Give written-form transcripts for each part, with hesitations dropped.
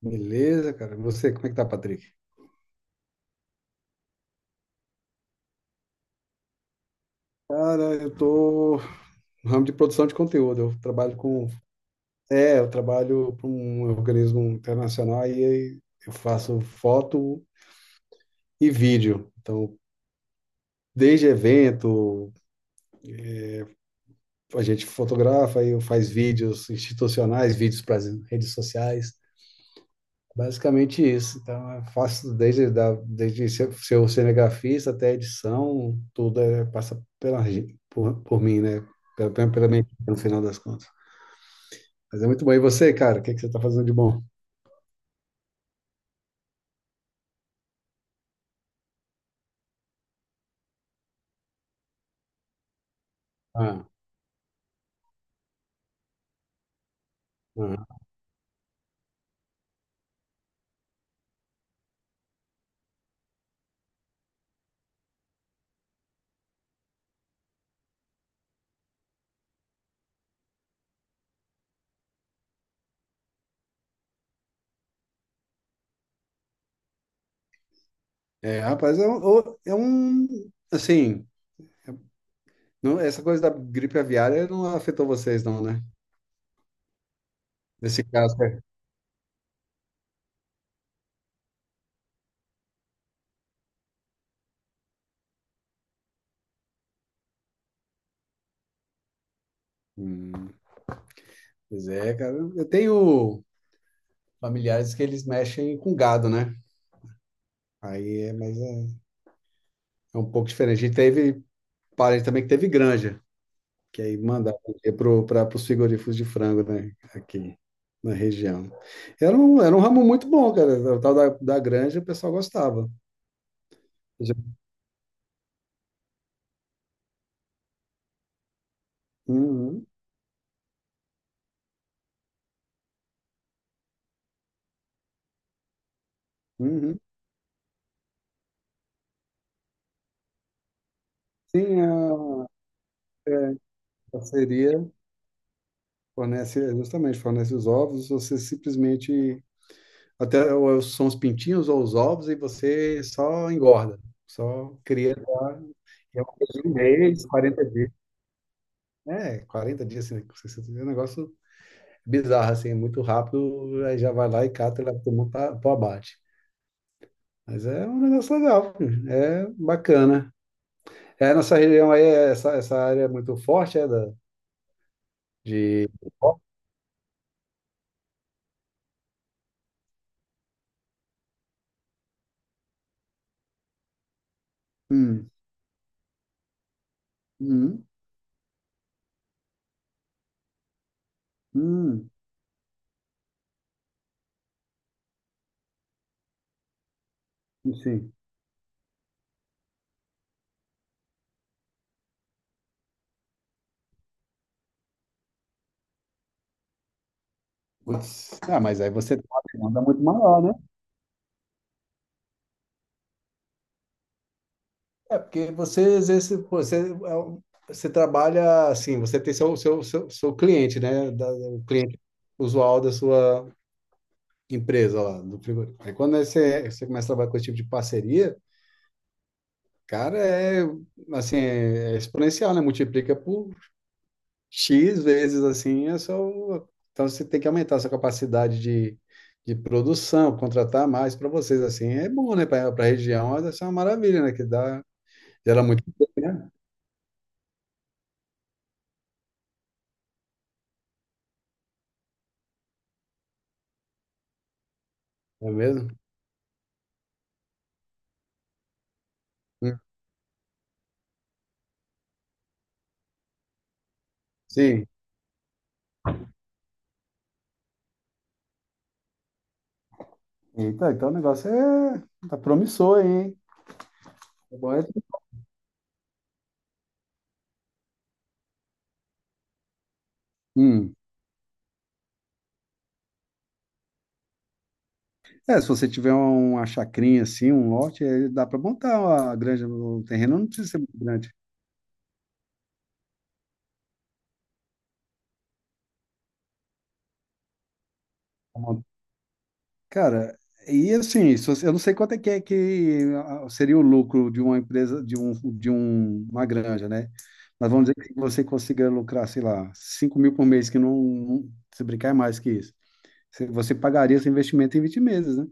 Beleza, cara. E você, como é que tá, Patrick? Cara, eu tô no ramo de produção de conteúdo. Eu trabalho com. É, eu trabalho para um organismo internacional e aí eu faço foto e vídeo. Então, desde evento, a gente fotografa e eu faz vídeos institucionais, vídeos para as redes sociais. Basicamente isso. Então, eu faço desde ser cinegrafista até a edição, tudo é, passa por mim, né? Pela minha, equipe, no final das contas. Mas é muito bom. E você, cara, o que, é que você está fazendo de bom? Ah, ah. É, rapaz, é um. Assim, não, essa coisa da gripe aviária não afetou vocês, não, né? Nesse caso, é. Hum, Pois é, cara. Eu tenho familiares que eles mexem com gado, né? Aí é, mas é um pouco diferente. E teve parente também que teve granja, que aí mandava para os frigoríficos de frango, né? Aqui na região. Era um ramo muito bom, cara. O tal da granja, o pessoal gostava. Uhum, uhum. Sim, a parceria fornece, justamente, fornece os ovos, você simplesmente, até ou é, são os pintinhos ou os ovos, e você só engorda, só cria lá, e é uma coisa de um mês, 40 dias, é, 40 dias, assim, 60 dias, é um negócio bizarra, assim, muito rápido, aí já vai lá e cata e leva todo mundo para o abate. Mas é um negócio legal, filho. É bacana. É, nossa região aí, é essa área é muito forte, é da, de. Hum, hum, hum, sim. Putz. Ah, mas aí você tem uma demanda muito maior, né? É, porque você exerce, pô, você, você trabalha assim, você tem seu cliente, né? O cliente usual da sua, empresa lá do frigorífico. Aí quando você começa a trabalhar com esse tipo de parceria, cara, é assim, é exponencial, né? Multiplica por X vezes assim, é só. Então você tem que aumentar a sua capacidade de produção, contratar mais para vocês, assim, é bom, né? Para a região, mas essa é uma maravilha, né? Que dá, gera muito emprego, né? Não é mesmo? Hum. Sim. Então o negócio é tá promissor aí, hein? Tá bom, é? Hum. É, se você tiver uma chacrinha assim, um lote, aí dá para montar uma granja no terreno, não precisa ser muito grande. Cara, e assim, se você- eu não sei quanto é que seria o lucro de uma empresa, de uma granja, né? Mas vamos dizer que você consiga lucrar, sei lá, 5.000 por mês, que não, se brincar é mais que isso. Você pagaria esse investimento em 20 meses, né?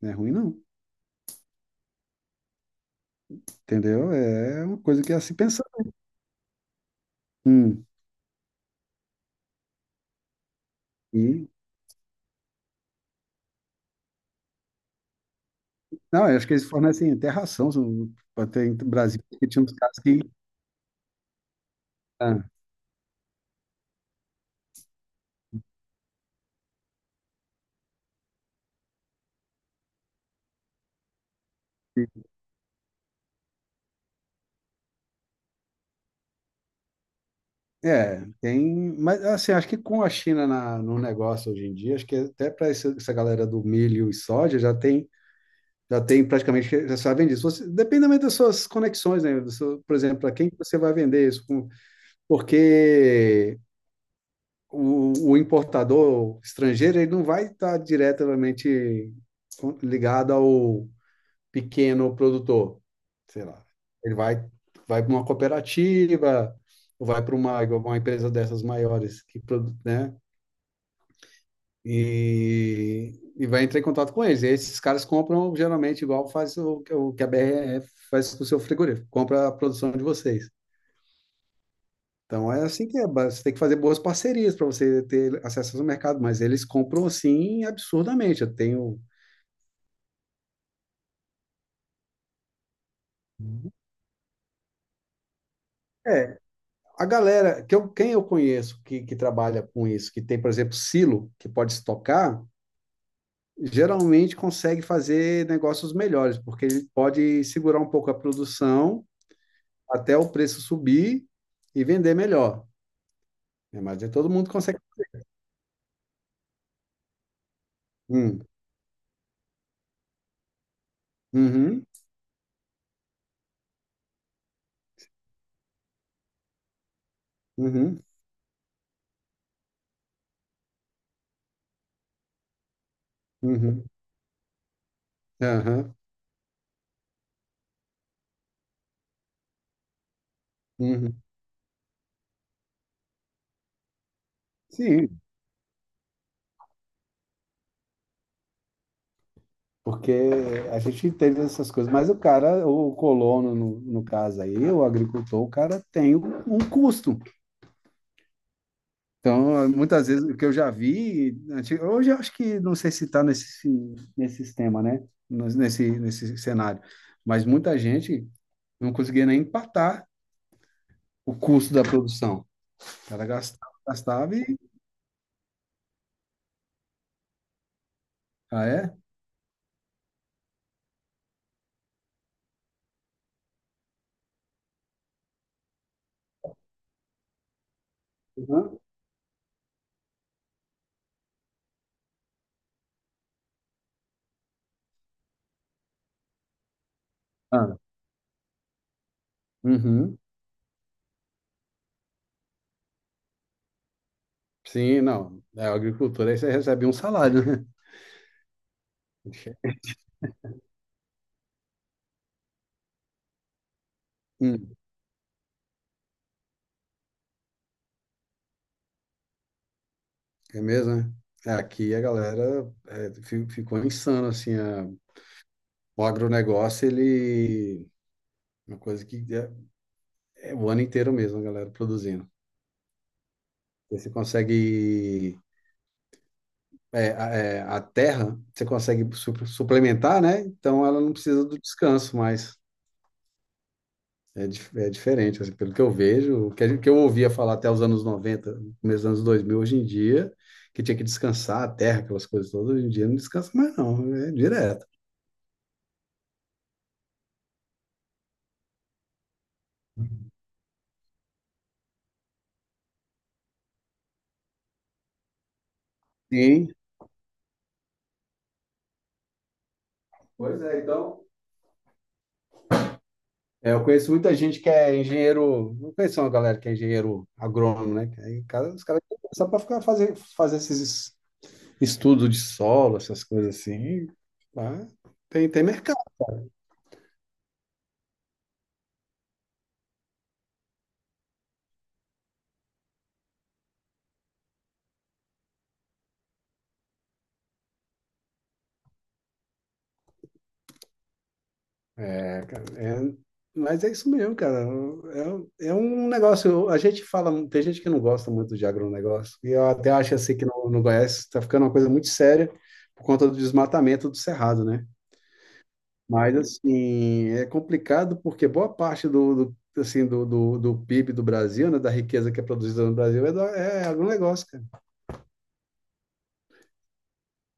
Não é ruim, não. Entendeu? É uma coisa que é a se pensar. Hum, e não, eu acho que eles fornecem até ração. Até em Brasil, porque tinha uns caras que. ah, É, tem. Mas, assim, acho que com a China no negócio hoje em dia, acho que até para essa, galera do milho e soja já tem praticamente, já sabem disso. Você, depende também das suas conexões, né? Por exemplo, para quem que você vai vender isso? Porque o importador estrangeiro, ele não vai estar diretamente ligado ao, pequeno produtor, sei lá. Ele vai para uma cooperativa, ou vai para uma empresa dessas maiores que né? E vai entrar em contato com eles. E esses caras compram geralmente igual faz o que a BRF faz com o seu frigorífico, compra a produção de vocês. Então é assim que é, você tem que fazer boas parcerias para você ter acesso ao mercado, mas eles compram assim absurdamente. É, A galera, quem eu conheço que trabalha com isso, que tem, por exemplo, silo, que pode estocar, geralmente consegue fazer negócios melhores, porque ele pode segurar um pouco a produção até o preço subir e vender melhor. Né? Mas é todo mundo consegue. Hum, uhum, uhum, uhum, aham, uhum. Sim, porque a gente entende essas coisas, mas o cara, o colono, no caso aí, o agricultor, o cara tem um custo. Então, muitas vezes o que eu já vi, hoje eu acho que não sei se está nesse sistema, né? Nesse cenário. Mas muita gente não conseguia nem empatar o custo da produção. O cara gastava, gastava e. Ah, é? Uhum. Ah, uhum. Sim, não. É a agricultura, aí você recebe um salário, né? Hum, É mesmo, né? É, aqui a galera ficou insano, assim, o agronegócio, ele, uma coisa que é o ano inteiro mesmo, a galera produzindo. Você consegue. É, a terra, você consegue suplementar, né? Então ela não precisa do descanso mais. É, é diferente, assim, pelo que eu vejo, o que, a gente- que eu ouvia falar até os anos 90 começo dos anos 2000 hoje em dia, que tinha que descansar a terra, aquelas coisas todas, hoje em dia não descansa mais, não, é direto. Sim. Pois é, então. É, eu conheço muita gente que é engenheiro. Não conheço uma galera que é engenheiro agrônomo, né? Que aí, cara, os caras só para ficar fazer, esses estudo de solo, essas coisas assim, tá? Tem mercado. É, cara, mas é isso mesmo, cara. É, é um negócio. A gente fala, tem gente que não gosta muito de agronegócio, e eu até acho assim que não conhece, está ficando uma coisa muito séria por conta do desmatamento do cerrado, né? Mas assim, é complicado porque boa parte assim, do PIB do Brasil, né, da riqueza que é produzida no Brasil, é agronegócio, cara.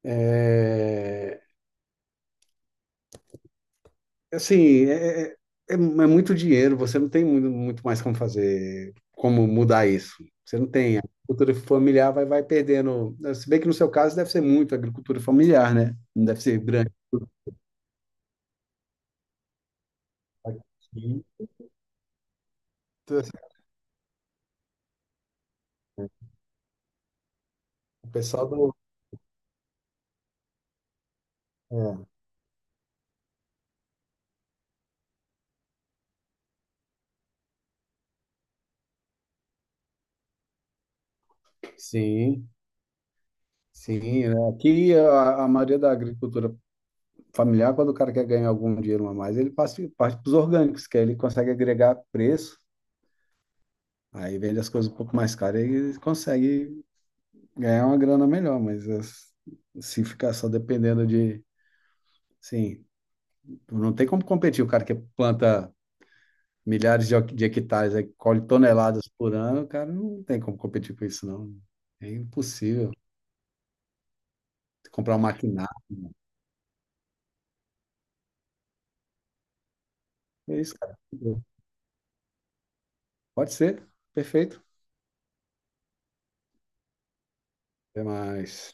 É, assim, é muito dinheiro, você não tem muito, muito mais como fazer, como mudar isso. Você não tem. A agricultura familiar vai perdendo. Se bem que no seu caso deve ser muito agricultura familiar, né? Não deve ser grande. Sim. Então, assim, o pessoal do. É, sim, sim. Né? Aqui a maioria da agricultura familiar, quando o cara quer ganhar algum dinheiro a mais, ele passa parte para os orgânicos, que aí ele consegue agregar preço, aí vende as coisas um pouco mais caras e ele consegue ganhar uma grana melhor, mas se ficar só dependendo de, sim, não tem como competir. O cara que planta milhares de hectares, aí colhe toneladas por ano, o cara não tem como competir com isso, não. É impossível. Comprar um maquinário. É isso, cara. Pode ser. Perfeito. Até mais.